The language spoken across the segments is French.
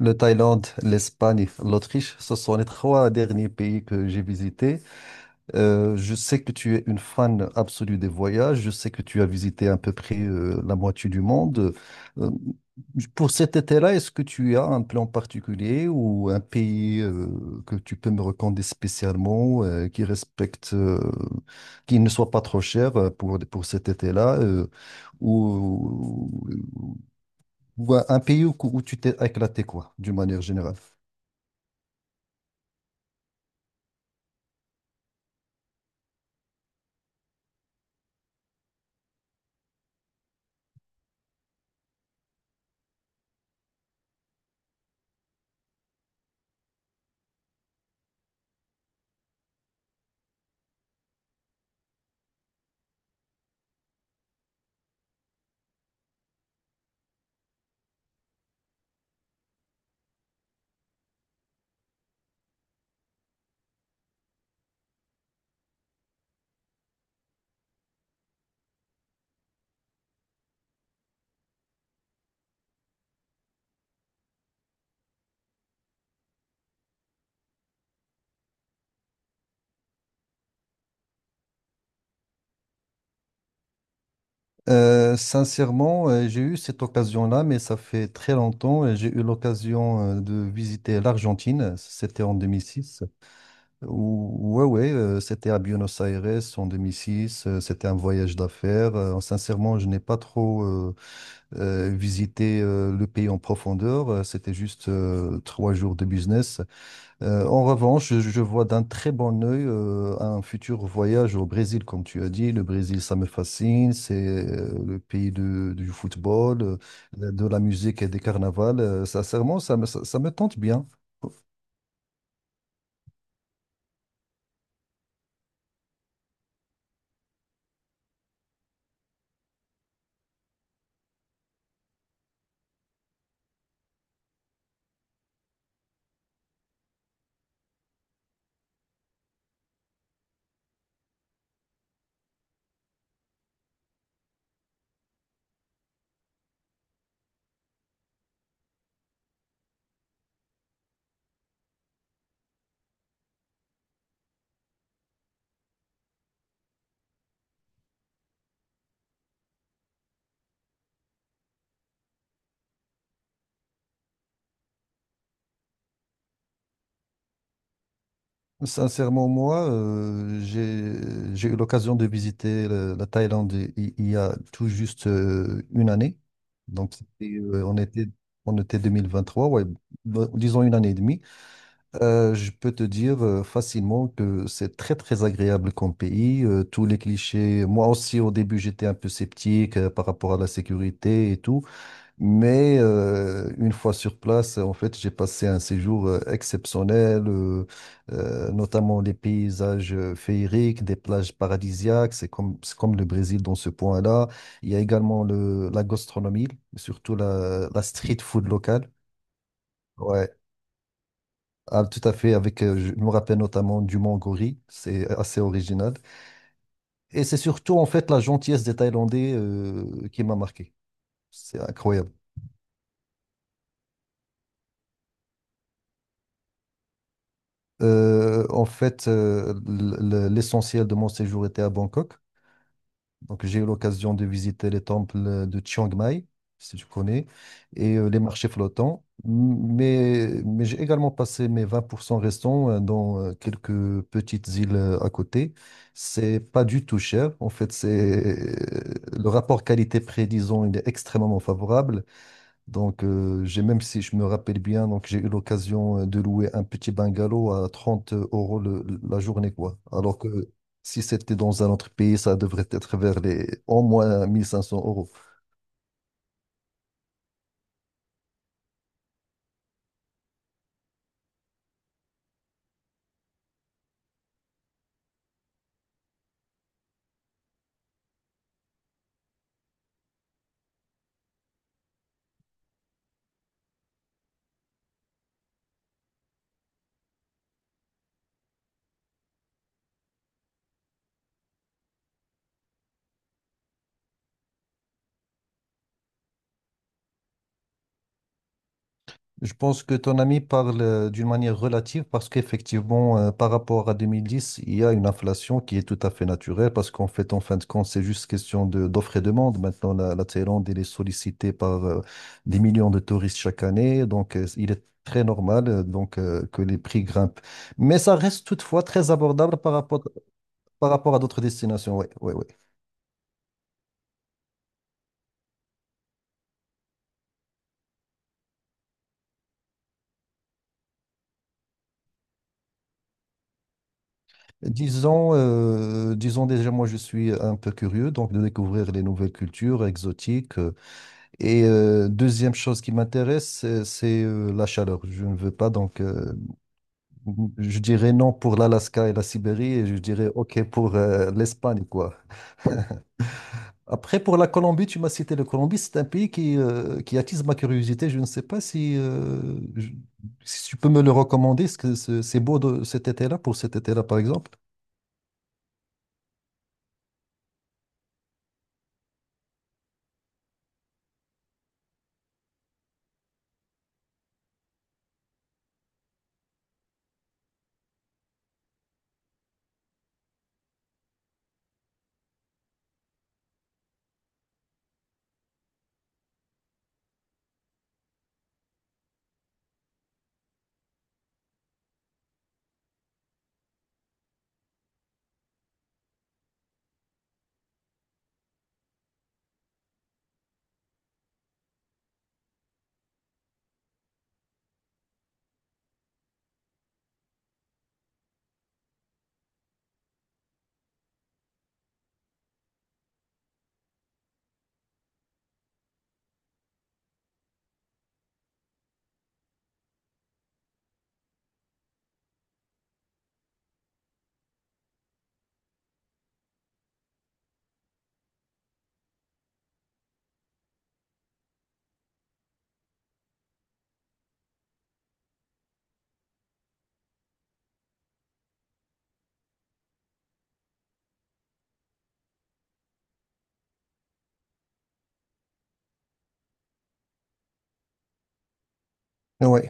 Le Thaïlande, l'Espagne, l'Autriche, ce sont les trois derniers pays que j'ai visités. Je sais que tu es une fan absolue des voyages. Je sais que tu as visité à peu près la moitié du monde. Euh, pour cet été-là, est-ce que tu as un plan particulier ou un pays que tu peux me recommander spécialement, qui respecte, qui ne soit pas trop cher pour cet été-là, ou, ou un pays où tu t'es éclaté, quoi, d'une manière générale? Sincèrement, j'ai eu cette occasion-là, mais ça fait très longtemps. Et j'ai eu l'occasion de visiter l'Argentine. C'était en 2006. Ou- Ouais, ouais, c'était à Buenos Aires en 2006. C'était un voyage d'affaires. Sincèrement, je n'ai pas trop visité le pays en profondeur. C'était juste 3 jours de business. En revanche, je vois d'un très bon œil un futur voyage au Brésil, comme tu as dit. Le Brésil, ça me fascine. C'est le pays du football, de la musique et des carnavals. Sincèrement, ça me tente bien. Sincèrement, moi, j'ai eu l'occasion de visiter la Thaïlande il y a tout juste une année. Donc, on était 2023, ouais, bon, disons une année et demie. Je peux te dire facilement que c'est très très agréable comme pays. Tous les clichés, moi aussi au début j'étais un peu sceptique par rapport à la sécurité et tout, mais une fois sur place, en fait j'ai passé un séjour exceptionnel, notamment les paysages féeriques, des plages paradisiaques, c'est comme le Brésil dans ce point-là. Il y a également la gastronomie, surtout la street food locale. Ouais. Ah, tout à fait, je me rappelle notamment du Mangori, c'est assez original. Et c'est surtout en fait la gentillesse des Thaïlandais qui m'a marqué. C'est incroyable. En fait, l'essentiel de mon séjour était à Bangkok. Donc, j'ai eu l'occasion de visiter les temples de Chiang Mai, si tu connais, et les marchés flottants. Mais j'ai également passé mes 20% restants dans quelques petites îles à côté. C'est pas du tout cher. En fait, c'est le rapport qualité-prix, disons, il est extrêmement favorable. Donc, j'ai, même si je me rappelle bien, donc j'ai eu l'occasion de louer un petit bungalow à 30 € la journée, quoi. Alors que si c'était dans un autre pays, ça devrait être vers les, au moins, 1500 euros. Je pense que ton ami parle d'une manière relative parce qu'effectivement, par rapport à 2010, il y a une inflation qui est tout à fait naturelle parce qu'en fait, en fin de compte, c'est juste question d'offre et demande. Maintenant, la Thaïlande, elle est sollicitée par des millions de touristes chaque année. Donc, il est très normal que les prix grimpent. Mais ça reste toutefois très abordable par rapport à d'autres destinations. Oui, oui, oui. Disons déjà, moi, je suis un peu curieux donc de découvrir les nouvelles cultures exotiques. Et deuxième chose qui m'intéresse, c'est la chaleur. Je ne veux pas, donc je dirais non pour l'Alaska et la Sibérie, et je dirais OK pour l'Espagne, quoi. Après, pour la Colombie, tu m'as cité la Colombie, c'est un pays qui attise ma curiosité. Je ne sais pas je- si tu peux me le recommander, est-ce que c'est beau cet été-là, pour cet été-là, par exemple? Oui.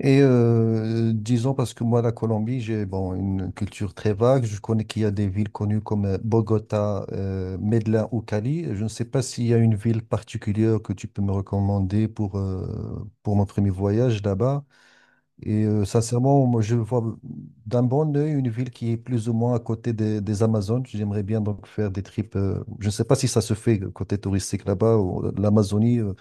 Et disons, parce que moi, la Colombie, j'ai, bon, une culture très vague. Je connais qu'il y a des villes connues comme Bogota, Medellín ou Cali. Je ne sais pas s'il y a une ville particulière que tu peux me recommander pour mon premier voyage là-bas. Et sincèrement, moi, je vois d'un bon œil une ville qui est plus ou moins à côté des Amazones. J'aimerais bien donc faire des trips. Je ne sais pas si ça se fait côté touristique là-bas, ou l'Amazonie.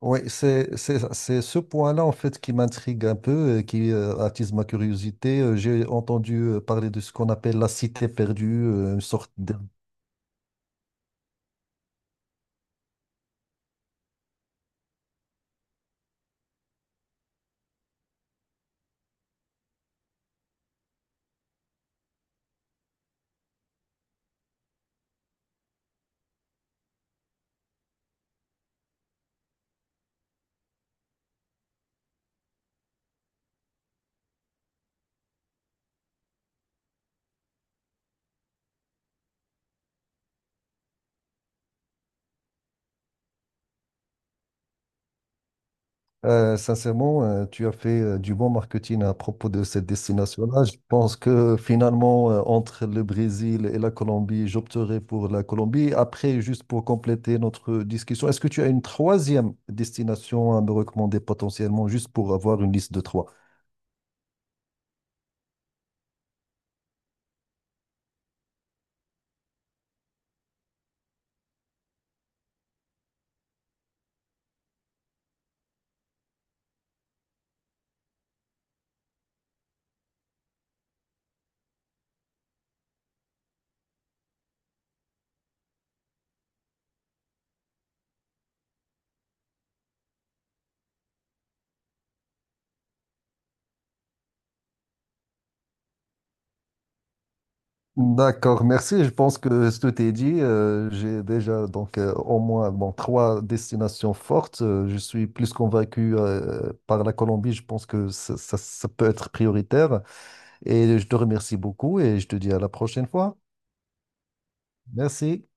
Oui, c'est ce point-là en fait qui m'intrigue un peu, et qui attise ma curiosité. J'ai entendu parler de ce qu'on appelle la cité perdue, une sorte Sincèrement, tu as fait du bon marketing à propos de cette destination-là. Je pense que finalement, entre le Brésil et la Colombie, j'opterai pour la Colombie. Après, juste pour compléter notre discussion, est-ce que tu as une troisième destination à me recommander potentiellement, juste pour avoir une liste de trois? D'accord, merci. Je pense que ce que t'es dit, j'ai déjà donc au moins, bon, trois destinations fortes. Je suis plus convaincu par la Colombie. Je pense que ça peut être prioritaire. Et je te remercie beaucoup et je te dis à la prochaine fois. Merci.